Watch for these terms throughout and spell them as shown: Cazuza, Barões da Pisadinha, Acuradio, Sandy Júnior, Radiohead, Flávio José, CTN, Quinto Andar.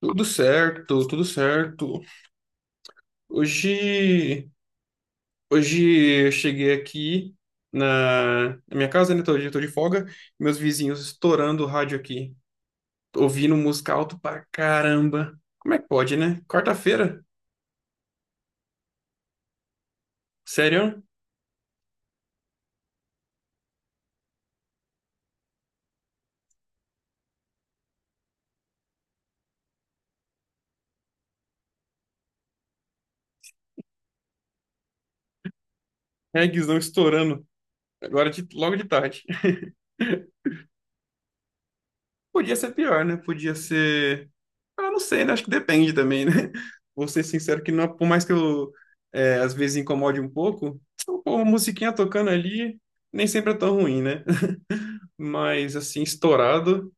Tudo certo, tudo certo. Hoje, hoje eu cheguei aqui na minha casa, né? Tô, tô de folga. Meus vizinhos estourando o rádio aqui, ouvindo música alto pra caramba. Como é que pode, né? Quarta-feira? Sério? Reggaezão estourando. Agora logo de tarde. Podia ser pior, né? Podia ser. Ah, não sei, né? Acho que depende também, né? Vou ser sincero que não, por mais que eu às vezes incomode um pouco, então, pô, uma musiquinha tocando ali nem sempre é tão ruim, né? Mas assim, estourado,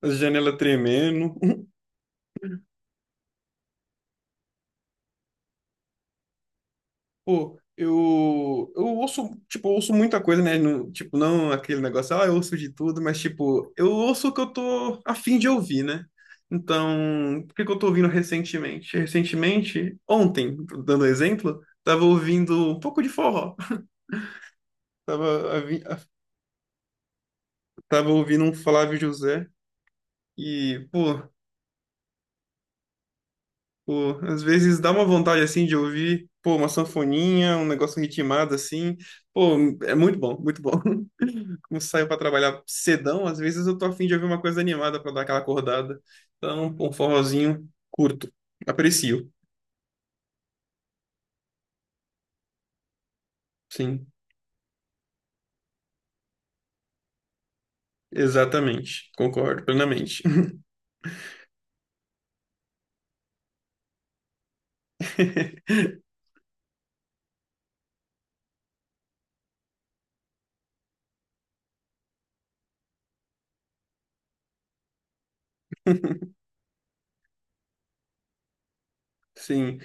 a janela tremendo. Pô, eu ouço, tipo, eu ouço muita coisa, né? Tipo, não aquele negócio, ah, eu ouço de tudo, mas tipo, eu ouço o que eu tô a fim de ouvir, né? Então, o que que eu tô ouvindo recentemente? Recentemente, ontem, dando exemplo, tava ouvindo um pouco de forró. Tava, a Tava ouvindo um Flávio José e, pô, pô, às vezes dá uma vontade assim de ouvir, pô, uma sanfoninha, um negócio ritmado assim. Pô, é muito bom, muito bom. Como saio pra trabalhar cedão, às vezes eu tô afim de ouvir uma coisa animada pra dar aquela acordada. Então, um forrozinho curto. Aprecio. Sim, exatamente. Concordo plenamente. Sim.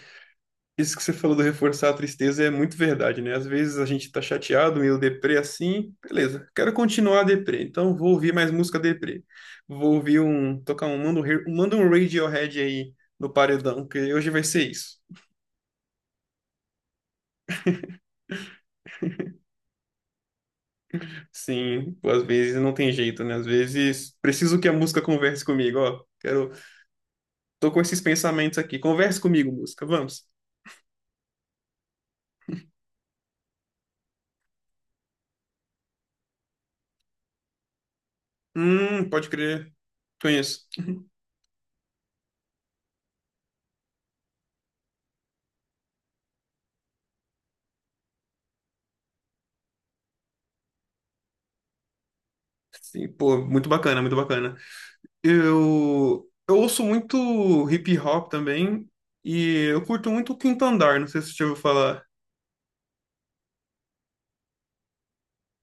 Isso que você falou do reforçar a tristeza é muito verdade, né? Às vezes a gente tá chateado, meio deprê assim, beleza, quero continuar deprê, então vou ouvir mais música deprê. Vou ouvir um, tocar um, manda um, manda um Radiohead aí no paredão, que hoje vai ser isso. Sim, pô, às vezes não tem jeito, né? Às vezes preciso que a música converse comigo, ó, quero, tô com esses pensamentos aqui, converse comigo, música, vamos. Pode crer, conheço. Sim, pô, muito bacana, muito bacana. Eu ouço muito hip hop também e eu curto muito o Quinto Andar, não sei se você já ouviu falar.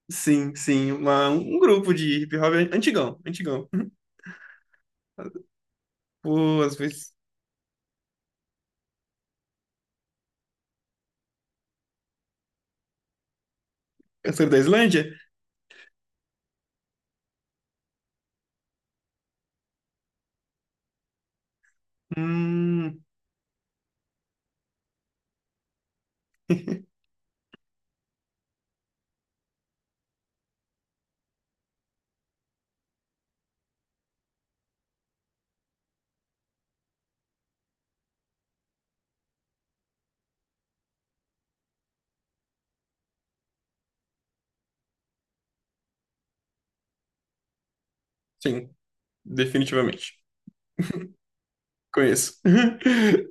Sim, sim, um grupo de hip hop antigão, antigão. Pô, às vezes cantor da Islândia? Hum, sim, definitivamente. Conheço.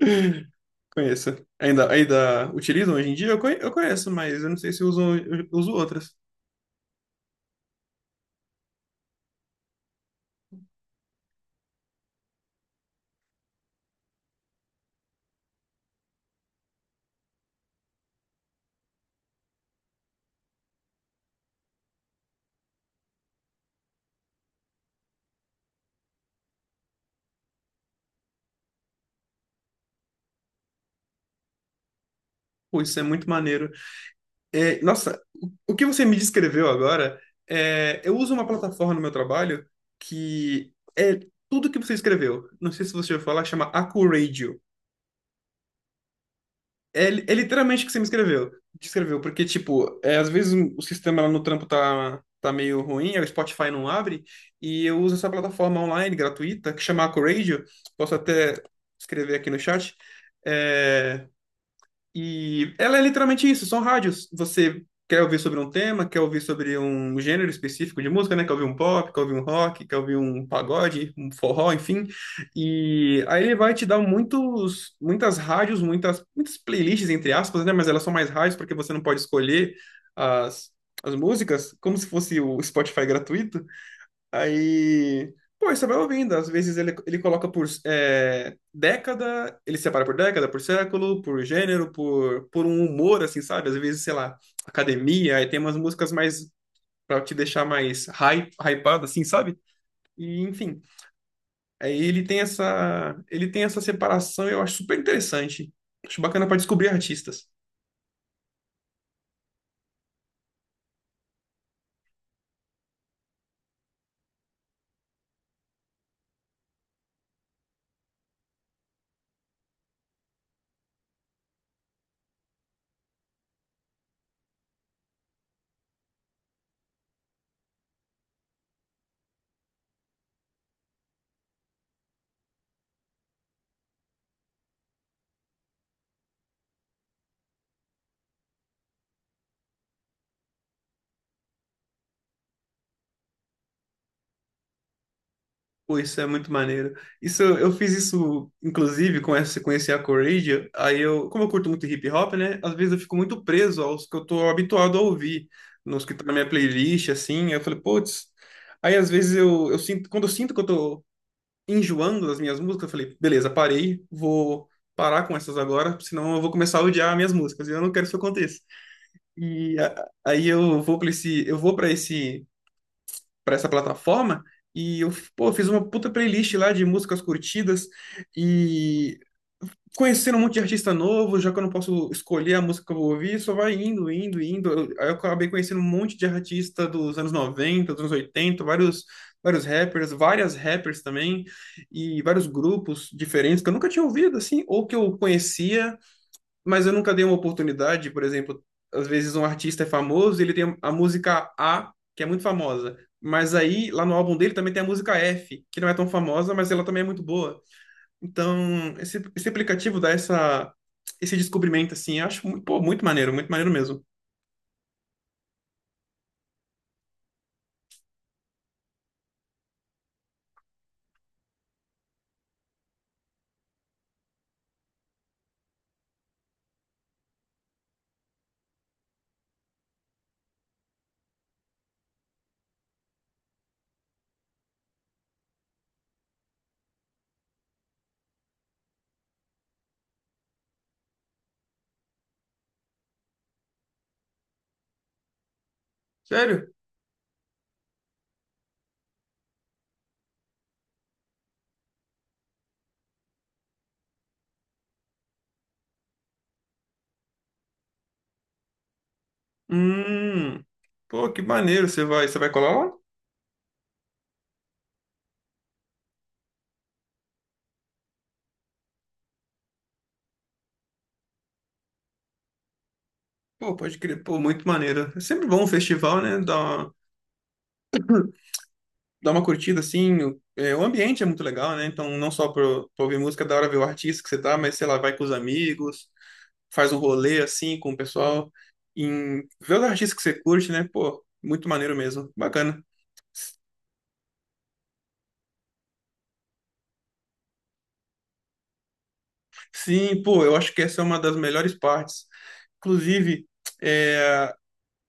Conheço. Ainda utilizam hoje em dia? Eu eu conheço, mas eu não sei se usam, eu uso outras. Pô, isso é muito maneiro. É, nossa, o que você me descreveu agora, é, eu uso uma plataforma no meu trabalho que é tudo que você escreveu. Não sei se você já ouviu falar, chama Acuradio. É, é literalmente o que você me escreveu. Descreveu, porque, tipo, é, às vezes o sistema lá no trampo tá meio ruim, aí o Spotify não abre, e eu uso essa plataforma online gratuita que chama Acuradio. Posso até escrever aqui no chat. É, e ela é literalmente isso, são rádios. Você quer ouvir sobre um tema, quer ouvir sobre um gênero específico de música, né? Quer ouvir um pop, quer ouvir um rock, quer ouvir um pagode, um forró, enfim. E aí ele vai te dar muitos, muitas rádios, muitas, muitas playlists, entre aspas, né? Mas elas são mais rádios porque você não pode escolher as, as músicas, como se fosse o Spotify gratuito. Aí, pô, aí você vai ouvindo. Às vezes ele coloca por década, ele separa por década, por século, por gênero, por um humor, assim, sabe? Às vezes, sei lá, academia, aí tem umas músicas mais pra te deixar mais hype, hypado, assim, sabe? E, enfim, aí ele tem essa separação, eu acho super interessante. Acho bacana pra descobrir artistas. Pô, isso é muito maneiro. Isso, eu fiz isso, inclusive, com essa, sequência a Coradia, aí eu, como eu curto muito hip hop, né, às vezes eu fico muito preso aos que eu tô habituado a ouvir, nos que estão na minha playlist, assim, eu falei, putz, aí às vezes eu sinto, quando eu sinto que eu tô enjoando das minhas músicas, eu falei, beleza, parei, vou parar com essas agora, senão eu vou começar a odiar minhas músicas, e eu não quero que isso aconteça. E aí eu vou para esse, para essa plataforma e eu, pô, fiz uma puta playlist lá de músicas curtidas e conhecendo um monte de artista novo, já que eu não posso escolher a música que eu vou ouvir, só vai indo, indo, indo. Aí eu acabei conhecendo um monte de artista dos anos 90, dos anos 80, vários, vários rappers, várias rappers também, e vários grupos diferentes que eu nunca tinha ouvido, assim, ou que eu conhecia, mas eu nunca dei uma oportunidade, por exemplo, às vezes um artista é famoso, e ele tem a música A, que é muito famosa, mas aí lá no álbum dele também tem a música F, que não é tão famosa, mas ela também é muito boa. Então, esse aplicativo dá essa esse descobrimento assim, eu acho pô, muito maneiro mesmo. Sério? Hum. Pô, que maneiro, você vai colar lá? Pô, pode crer, pô, muito maneiro. É sempre bom um festival, né? Dar uma curtida assim. O, é, o ambiente é muito legal, né? Então, não só para ouvir música, é da hora ver o artista que você tá, mas sei lá, vai com os amigos, faz um rolê assim com o pessoal, em, vê os artistas que você curte, né? Pô, muito maneiro mesmo, bacana. Sim, pô, eu acho que essa é uma das melhores partes. Inclusive, é,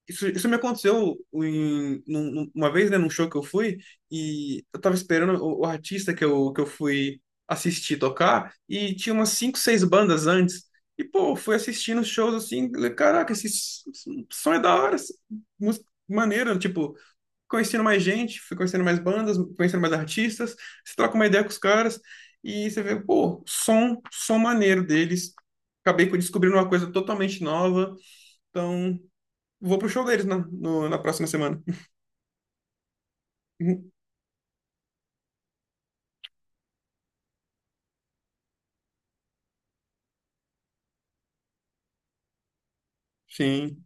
Isso me aconteceu em, uma vez, né, num show que eu fui, e eu tava esperando o artista que que eu fui assistir tocar, e tinha umas cinco, seis bandas antes. E, pô, eu fui assistindo os shows assim, falei, caraca, esse som é da hora, essa música maneira, tipo, conhecendo mais gente, fui conhecendo mais bandas, conhecendo mais artistas, você troca uma ideia com os caras, e você vê, pô, som maneiro deles. Acabei descobrindo uma coisa totalmente nova, então. Vou pro show deles na próxima semana. Uhum. Sim.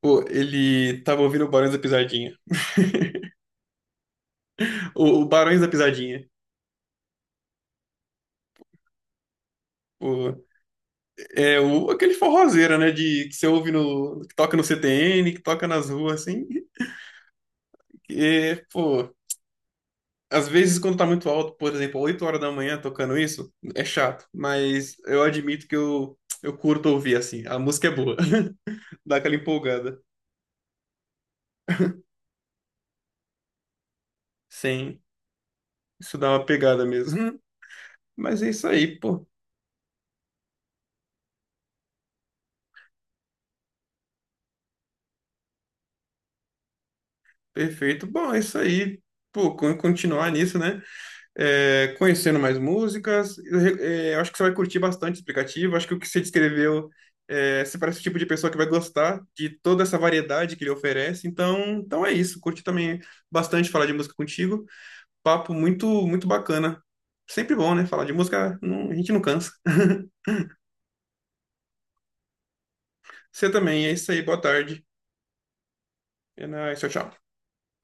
Pô, ele tava ouvindo o Barões da Pisadinha. O Barões da Pisadinha. Pô, é o, aquele forrozeiro, né? De, que você ouve no. Que toca no CTN, que toca nas ruas, assim. E, pô, às vezes quando tá muito alto, por exemplo, 8 horas da manhã tocando isso, é chato. Mas eu admito que eu curto ouvir, assim. A música é boa. Dá aquela empolgada. Sim. Isso dá uma pegada mesmo. Mas é isso aí, pô. Perfeito. Bom, é isso aí. Pô, continuar nisso, né? É, conhecendo mais músicas. Eu, é, eu acho que você vai curtir bastante esse aplicativo. Acho que o que você descreveu, é, você parece o tipo de pessoa que vai gostar de toda essa variedade que ele oferece. Então, então é isso. Curti também bastante falar de música contigo. Papo muito, muito bacana. Sempre bom, né? Falar de música, a gente não cansa. Você também. É isso aí. Boa tarde. É nóis. Tchau, tchau.